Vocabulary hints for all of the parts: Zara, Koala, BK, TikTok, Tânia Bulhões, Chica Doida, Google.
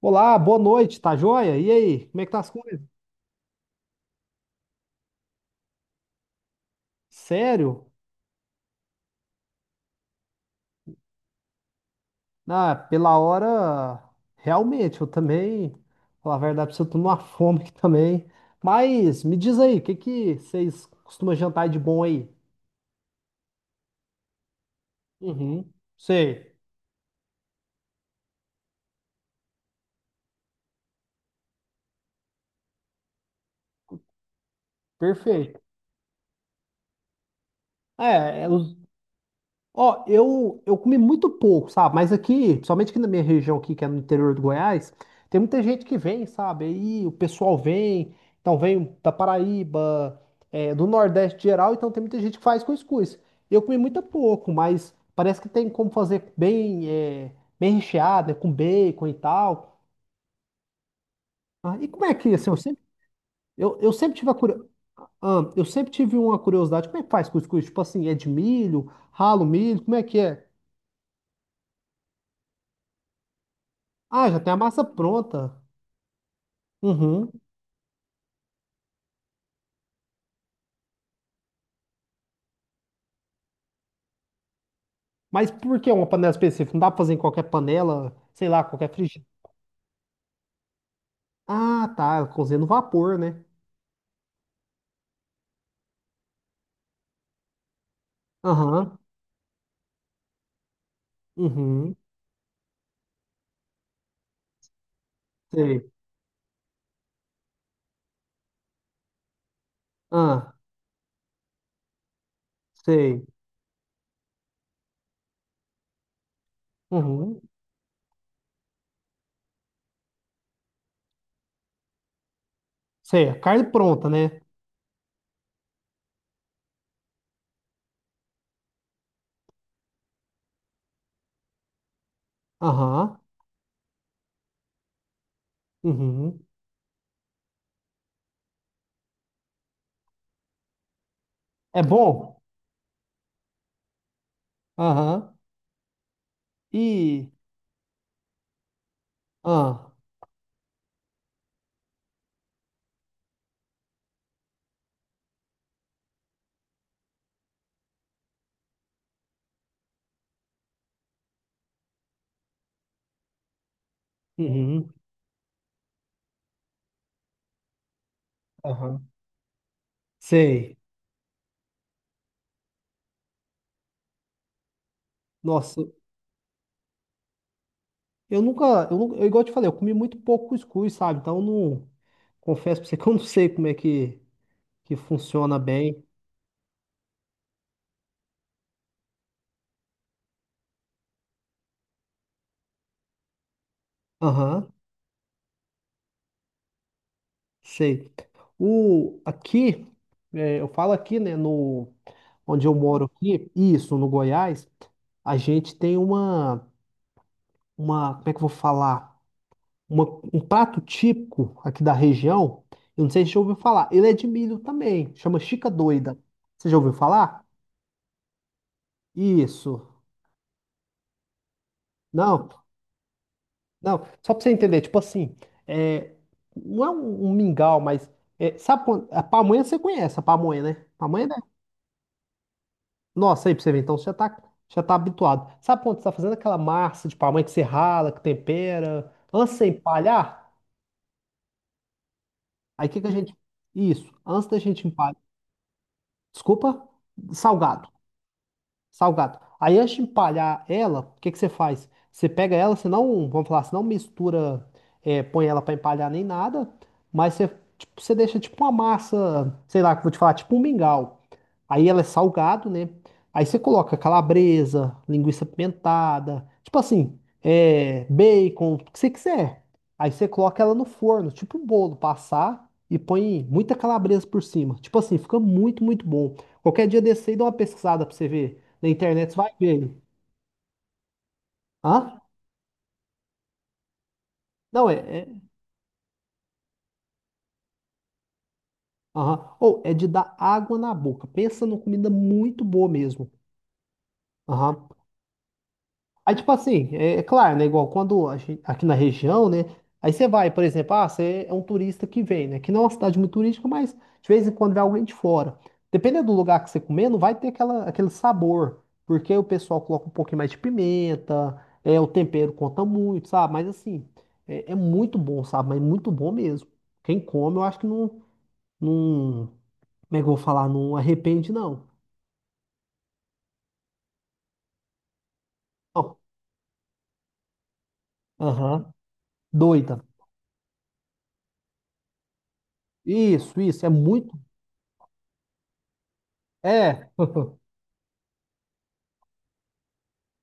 Olá, boa noite, tá joia? E aí, como é que tá as coisas? Sério? Ah, pela hora, realmente, eu também, falar a verdade pra você, eu tô numa fome aqui também. Mas me diz aí, o que que vocês costumam jantar de bom aí? Uhum, sei, perfeito. Os Ó, eu comi muito pouco, sabe? Mas aqui, principalmente aqui na minha região aqui, que é no interior do Goiás, tem muita gente que vem, sabe? Aí o pessoal vem, então vem da Paraíba, do Nordeste geral, então tem muita gente que faz cuscuz. Eu comi muito pouco, mas parece que tem como fazer bem, bem recheado, né? Com bacon e tal. Ah, e como é que, assim, eu sempre, eu sempre tive a curio... ah, eu sempre tive uma curiosidade, como é que faz cuscuz? Tipo assim, é de milho, ralo milho, como é que é? Ah, já tem a massa pronta. Uhum. Mas por que uma panela específica? Não dá pra fazer em qualquer panela, sei lá, qualquer frigideira. Ah, tá. Cozinha no vapor, né? Aham. Uhum. Sei. Ah, sei. Uhum. Sei. A carne pronta, né? Aham. Uhum. É bom? Aham. E. Ah. Uhum. Aham. Sei. Nossa, eu nunca. Eu, igual eu te falei, eu comi muito pouco cuscuz, sabe? Então eu não. Confesso pra você que eu não sei como é que funciona bem. Aham. Sei. O, aqui, eu falo aqui, né, no, onde eu moro aqui, isso, no Goiás, a gente tem uma, como é que eu vou falar? Uma- um prato típico aqui da região, eu não sei se você já ouviu falar, ele é de milho também, chama Chica Doida. Você já ouviu falar? Isso. Não, não, só pra você entender, tipo assim, é, não é um, um mingau, mas, é, sabe, quando- a pamonha você conhece, a pamonha, né? Pamonha é Nossa, aí pra você ver, então você já tá habituado. Sabe quando você tá fazendo aquela massa de pamonha que você rala, que tempera, antes de você empalhar? Aí o que que a gente. Isso, antes da gente empalhar. Desculpa, salgado. Salgado. Aí antes de empalhar ela, o que que você faz? Você pega ela, você não, vamos falar, você não mistura, põe ela pra empalhar nem nada, mas você, tipo, você deixa tipo uma massa, sei lá, que eu vou te falar, tipo um mingau. Aí ela é salgado, né? Aí você coloca calabresa, linguiça pimentada, tipo assim, bacon, o que você quiser. Aí você coloca ela no forno, tipo um bolo, passar e põe muita calabresa por cima. Tipo assim, fica muito, muito bom. Qualquer dia desse aí, dá uma pesquisada pra você ver. Na internet você vai ver aí. Hã? Não, é. É... aham. Ou é de dar água na boca. Pensa numa comida muito boa mesmo. Aham. Aí, tipo assim, é claro, né? Igual quando a gente- aqui na região, né? Aí você vai, por exemplo, ah, você é um turista que vem, né? Que não é uma cidade muito turística, mas de vez em quando vem alguém de fora. Dependendo do lugar que você comer, não vai ter aquela, aquele sabor. Porque o pessoal coloca um pouquinho mais de pimenta, o tempero conta muito, sabe? Mas assim, é muito bom, sabe? Mas muito bom mesmo. Quem come, eu acho que não. Não, como é que eu vou falar? Não arrepende, não. Não. Aham. Doida. Isso, isso. É muito. É.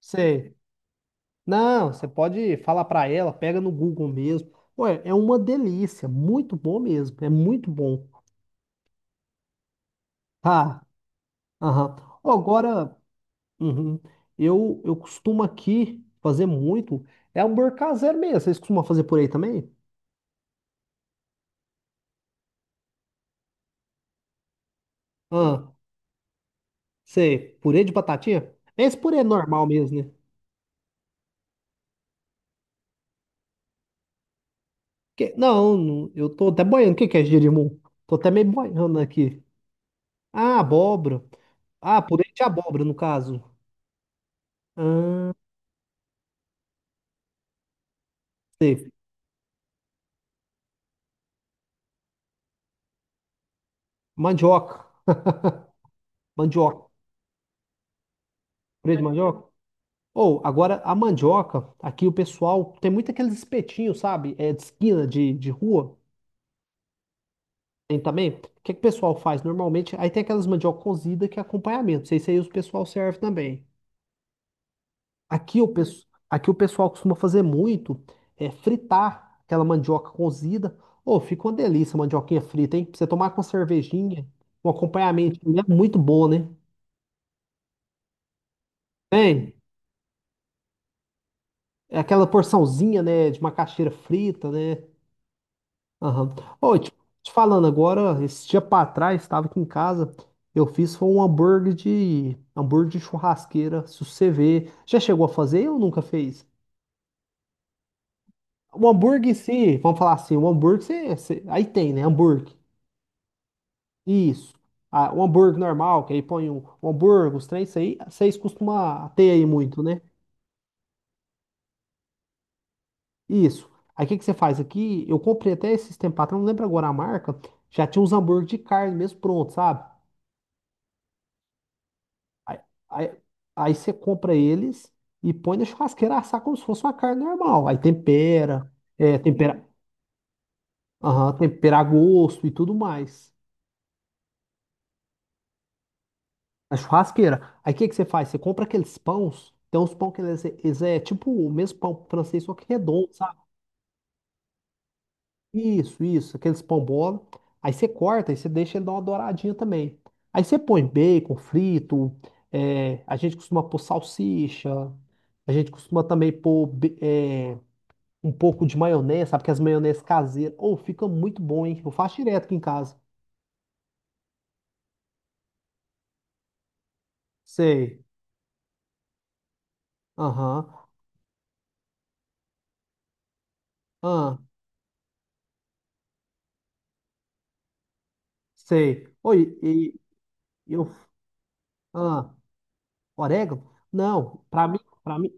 Sei. Não, você pode falar pra ela, pega no Google mesmo. Ué, é uma delícia. Muito bom mesmo. É muito bom. Ah, aham. Ó, agora, uhum, eu costumo aqui fazer muito. É hambúrguer caseiro mesmo. Vocês costumam fazer por aí também? Ah, sei. Purê de batatinha? É esse purê é normal mesmo, né? Que- Não, não, eu tô até boiando. O que que é jerimum? Tô até meio boiando aqui. Ah, abóbora. Ah, purê de abóbora, no caso. Ah, sei. Mandioca. Mandioca. Purê de mandioca? Ou, agora, a mandioca, aqui o pessoal tem muito aqueles espetinhos, sabe? É de esquina, de rua. Tem também. O que que o pessoal faz normalmente? Aí tem aquelas mandioca cozida que é acompanhamento. Não sei se aí o pessoal serve também. Aqui o, pesso- aqui o pessoal costuma fazer muito é fritar aquela mandioca cozida. Ô, fica uma delícia a mandioquinha frita, hein? Pra você tomar com uma cervejinha, um acompanhamento é muito bom, né? Tem é aquela porçãozinha, né, de macaxeira frita, né? Aham. Ô, te falando agora, esse dia pra trás, estava aqui em casa, eu fiz foi um hambúrguer de churrasqueira, se você ver. Já chegou a fazer ou nunca fez? O hambúrguer em si, vamos falar assim, o hambúrguer, você, você- aí tem, né? Hambúrguer. Isso. Ah, o hambúrguer normal, que aí põe o hambúrguer, os três, isso aí, vocês costumam ter aí muito, né? Isso. Aí o que, que você faz aqui? Eu comprei até esses tempos atrás, não lembro agora a marca, já tinha uns hambúrguer de carne mesmo pronto, sabe? Aí, aí, aí você compra eles e põe na churrasqueira assar como se fosse uma carne normal. Aí tempera, tempera, aham, tempera a gosto e tudo mais. Na churrasqueira. Aí o que que você faz? Você compra aqueles pães. Tem uns pão que eles, eles é tipo o mesmo pão francês, só que redondo, sabe? Isso, isso. Aqueles pão bola. Aí você corta e você deixa ele dar uma douradinha também. Aí você põe bacon frito. É, a gente costuma pôr salsicha. A gente costuma também pôr um pouco de maionese, sabe? Que as maionese caseiras. Ou fica muito bom, hein? Eu faço direto aqui em casa. Sei. Aham. Ah, sei. Oi, e eu. Ah. Orégano? Não,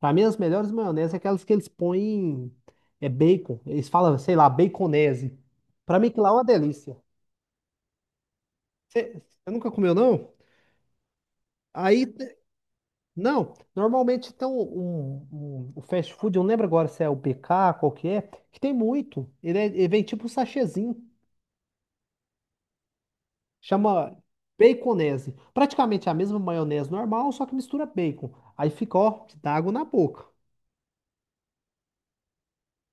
para mim as melhores maioneses é aquelas que eles põem é bacon. Eles falam, sei lá, baconese. Para mim que lá é uma delícia. Você nunca comeu não? Aí te- não, normalmente tem um, o fast food, eu não lembro agora se é o BK, qual que é, que tem muito. Ele, é- ele vem tipo um sachêzinho, chama baconese. Praticamente é a mesma maionese normal, só que mistura bacon. Aí fica, ó, que dá água na boca.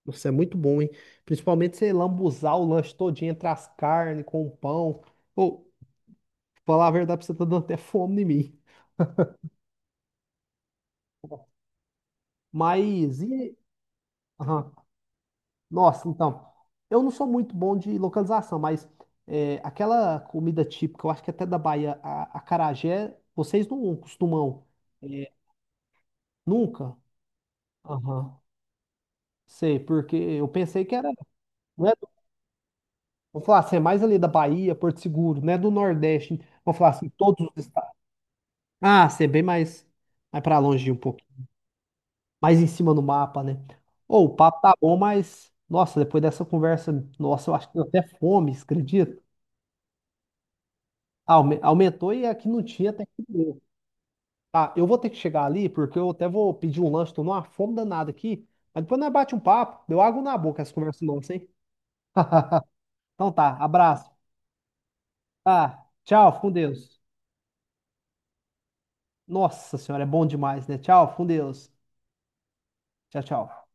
Nossa, é muito bom, hein? Principalmente você lambuzar o lanche todinho entre as carnes, com o pão. Ou, falar a verdade, pra você tá dando até fome em mim. Mas, e... aham. Nossa, então, eu não sou muito bom de localização, mas é, aquela comida típica, eu acho que até da Bahia, a, acarajé, vocês não costumam, é, nunca? Aham, sei, porque eu pensei que era, né, vou falar assim, é mais ali da Bahia, Porto Seguro, né, do Nordeste, vou falar assim, todos os estados. Ah, ser bem mais, mais pra longe um pouco. Mais em cima no mapa, né? Ô, o papo tá bom, mas. Nossa, depois dessa conversa, nossa, eu acho que deu até fome, você acredita? Aume- Aumentou e aqui não tinha até que deu. Tá, eu vou ter que chegar ali, porque eu até vou pedir um lanche, tô numa fome danada aqui. Mas depois nós bate um papo, deu água na boca essa conversa nossa, hein? Então tá, abraço. Tá, tchau, fica com Deus. Nossa senhora, é bom demais, né? Tchau, fica com Deus. Tchau, tchau.